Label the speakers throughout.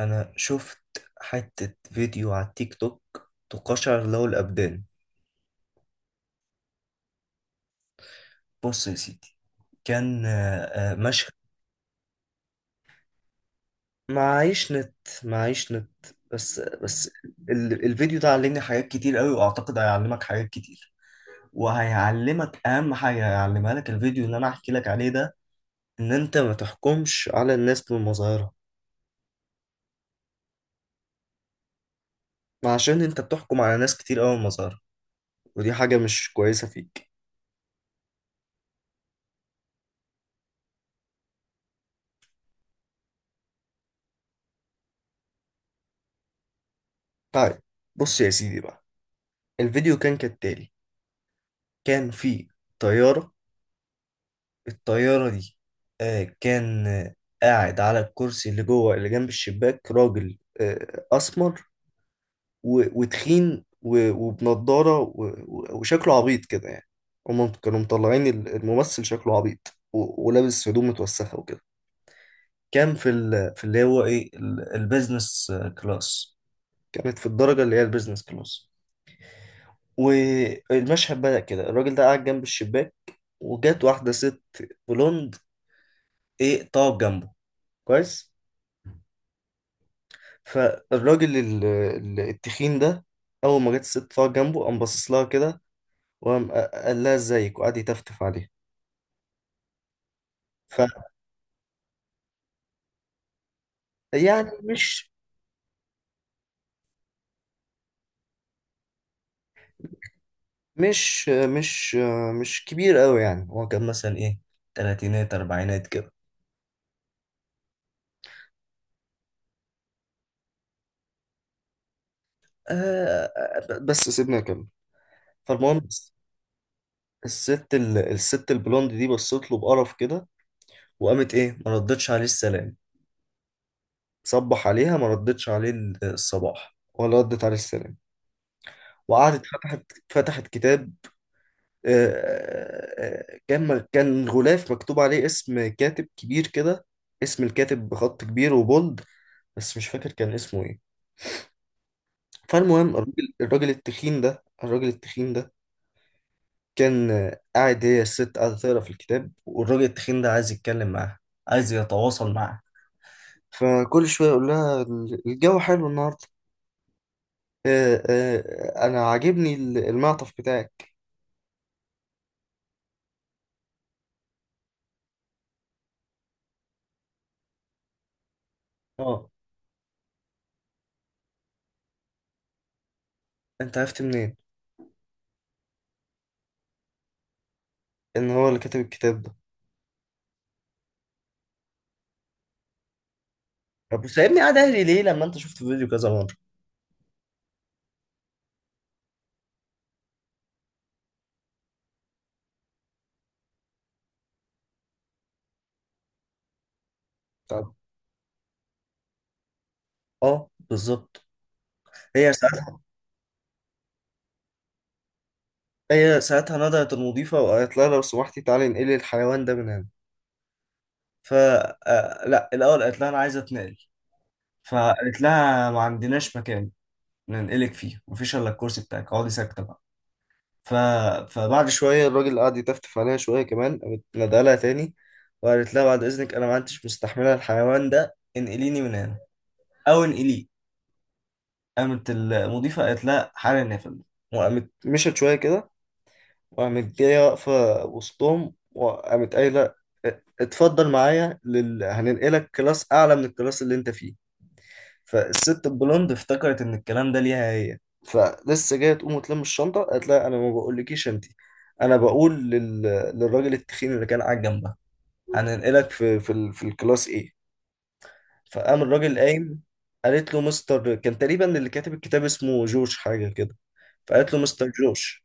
Speaker 1: انا شفت حتة فيديو على التيك توك تقشعر له الابدان. بص يا سيدي، كان مشهد. معيش نت، معيش نت، بس. الفيديو ده علمني حاجات كتير قوي، واعتقد هيعلمك حاجات كتير، وهيعلمك اهم حاجة هيعلمها لك الفيديو اللي انا هحكي لك عليه ده، ان انت ما تحكمش على الناس بمظاهرها. عشان انت بتحكم على ناس كتير قوي بمظاهرها، ودي حاجة مش كويسة فيك. طيب، بص يا سيدي بقى، الفيديو كان كالتالي. كان في طيارة، الطيارة دي كان قاعد على الكرسي اللي جوه اللي جنب الشباك راجل أسمر وتخين وبنضارة وشكله عبيط كده يعني. هما كانوا مطلعين الممثل شكله عبيط ولابس هدوم متوسخة وكده. كان في اللي هو إيه البيزنس كلاس. كانت في الدرجة اللي هي البيزنس كلاس. والمشهد بدأ كده، الراجل ده قاعد جنب الشباك، وجات واحدة ست بلوند ايه طاق جنبه. كويس. فالراجل التخين ده اول ما جت الست طاق جنبه قام باصص لها كده، وقام قال لها ازيك وقعد يتفتف عليها. فيعني مش مش مش مش كبير قوي، يعني هو كان مثلا ايه، تلاتينات اربعينات كده. آه، بس سيبنا اكمل. فالمهم، الست الست البلوند دي بصت له بقرف كده، وقامت ايه ما ردتش عليه السلام، صبح عليها ما ردتش عليه الصباح ولا ردت عليه السلام، وقعدت فتحت كتاب. آه، كان غلاف مكتوب عليه اسم كاتب كبير كده، اسم الكاتب بخط كبير وبولد، بس مش فاكر كان اسمه ايه. فالمهم الراجل التخين ده كان قاعد، هي الست قاعدة تقرا في الكتاب والراجل التخين ده عايز يتكلم معاها، عايز يتواصل معاها. فكل شوية يقول لها الجو حلو النهاردة، أنا عاجبني المعطف بتاعك. اه. أنت عرفت منين إن هو اللي كاتب الكتاب ده؟ طب سايبني قاعد اهلي ليه لما انت شفت فيديو كذا مره؟ طب اه بالظبط. هي ساعتها هي ساعتها نادت المضيفه وقالت لها لو سمحتي تعالي انقلي الحيوان ده من هنا. ف لا، الاول قالت لها انا عايزه اتنقل، فقالت لها ما عندناش مكان ننقلك فيه، مفيش الا الكرسي بتاعك اقعدي ساكته بقى. ف... فبعد شويه الراجل قعد يتفتف عليها شويه كمان، قامت نادالها تاني وقالت لها بعد اذنك انا ما عدتش مستحمله الحيوان ده، انقليني من هنا او انقليه. قامت المضيفة قالت لها حالا نافل، وقامت مشت شوية كده، وقامت جاية واقفة وسطهم وقامت قايلة اتفضل معايا هننقلك كلاس أعلى من الكلاس اللي أنت فيه. فالست البلوند افتكرت إن الكلام ده ليها هي، فلسه جاية تقوم وتلم الشنطة، قالت لها أنا ما بقولكيش أنتي، أنا بقول للراجل التخين اللي كان قاعد جنبها، هننقلك في الكلاس إيه. فقام الراجل قايم. قالت له مستر، كان تقريبا اللي كاتب الكتاب اسمه جورج حاجة كده، فقالت له مستر جورج.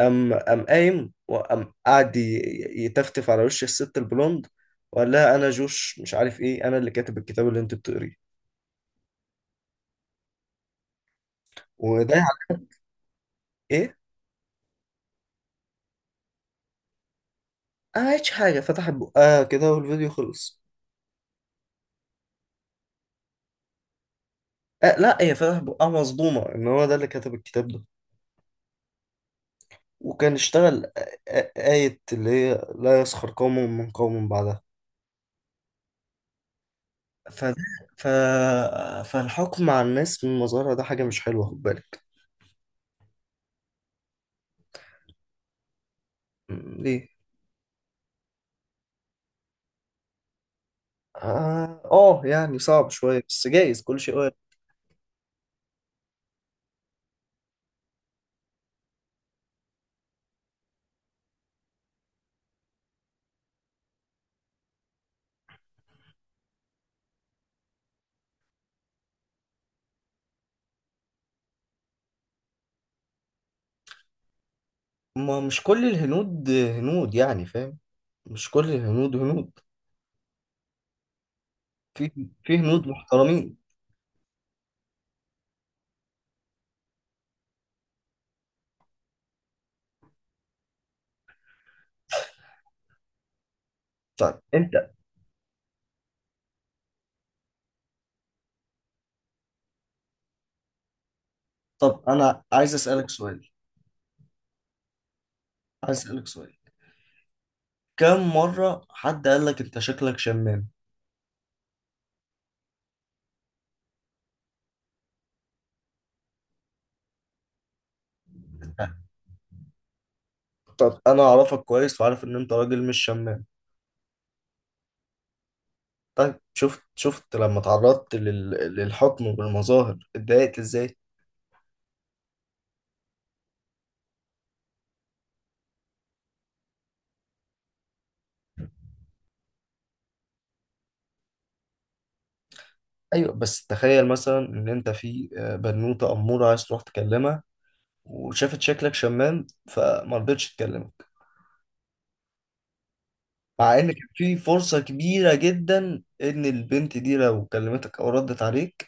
Speaker 1: قام قام قايم وقام قعد ي- يتفتف على وش الست البلوند، وقال لها انا جوش مش عارف ايه انا اللي كاتب الكتاب اللي انت بتقريه. وده يعني ايه، ما عملتش حاجه، فتحت بقها كده والفيديو خلص. آه لا، هي فتحت بقها مصدومه ان هو ده اللي كتب الكتاب ده. وكان اشتغل آية اللي هي لا يسخر قوم من قوم بعدها. فده ف... فالحكم على الناس من مظهرها ده حاجة مش حلوة، خد بالك. ليه؟ اه، يعني صعب شوية بس جايز، كل شيء وارد. ما مش كل الهنود هنود، يعني فاهم، مش كل الهنود هنود. في في هنود محترمين. طيب انت، طب انا عايز اسألك سؤال، عايز اسألك سؤال، كم مرة حد قال لك انت شكلك شمام؟ طب انا اعرفك كويس وعارف ان انت راجل مش شمام. طيب شفت، شفت لما تعرضت للحكم بالمظاهر اتضايقت ازاي؟ ايوه بس تخيل مثلا ان انت في بنوتة امورة عايز تروح تكلمها، وشافت شكلك شمام فما رضتش تكلمك، مع ان كان في فرصة كبيرة جدا ان البنت دي لو كلمتك او ردت عليك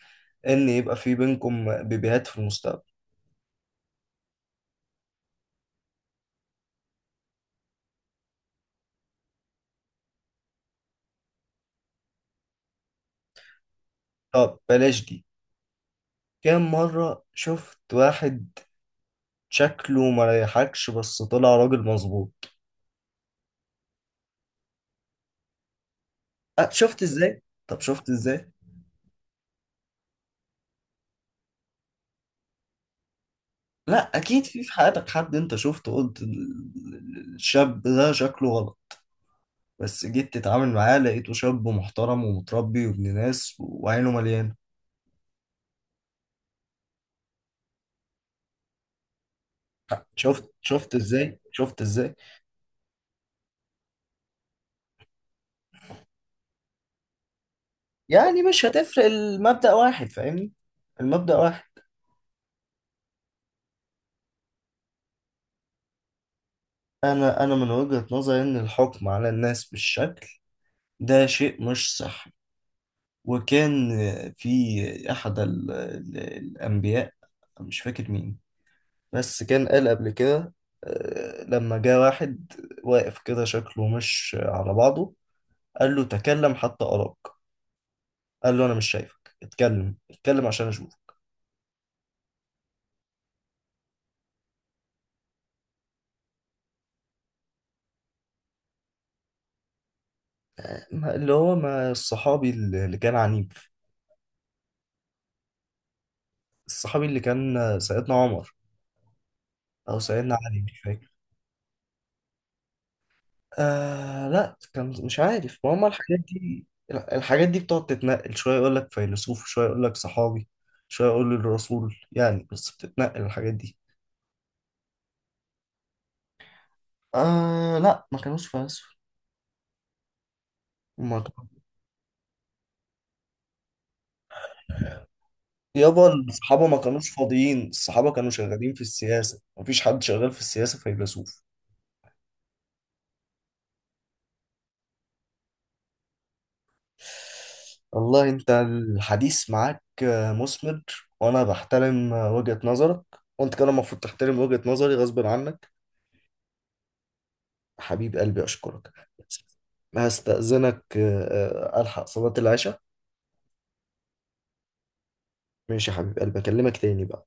Speaker 1: ان يبقى في بينكم بيبيهات في المستقبل. طب بلاش دي، كام مرة شفت واحد شكله ما ريحكش بس طلع راجل مظبوط؟ شفت ازاي؟ طب شفت ازاي؟ لا اكيد، في حياتك حد انت شفته قلت الشاب ده شكله غلط، بس جيت تتعامل معاه لقيته شاب محترم ومتربي وابن ناس وعينه مليانة. شفت، شفت ازاي؟ شفت ازاي؟ يعني مش هتفرق، المبدأ واحد، فاهمني، المبدأ واحد. انا من وجهة نظري ان الحكم على الناس بالشكل ده شيء مش صح. وكان في احد الانبياء، مش فاكر مين، بس كان قال قبل كده، لما جه واحد واقف كده شكله مش على بعضه، قال له تكلم حتى أراك، قال له انا مش شايفك، اتكلم اتكلم عشان اشوفك. اللي هو ما الصحابي اللي كان عنيف، الصحابي اللي كان سيدنا عمر او سيدنا علي، مش فاكر. آه لا كان مش عارف، ما هم الحاجات دي، الحاجات دي بتقعد تتنقل، شويه يقول لك فيلسوف، شويه يقول لك صحابي، شويه يقول لك الرسول يعني، بس بتتنقل الحاجات دي. آه لا ما كانوش فلاسفة، ما كانوا. يابا الصحابة ما كانوش فاضيين، الصحابة كانوا شغالين في السياسة، مفيش حد شغال في السياسة فيلسوف. والله انت الحديث معاك مثمر، وانا بحترم وجهة نظرك، وانت كمان المفروض تحترم وجهة نظري غصب عنك. حبيب قلبي اشكرك. بس هستأذنك، الحق صلاة العشاء. ماشي يا حبيب قلبي، اكلمك تاني بقى.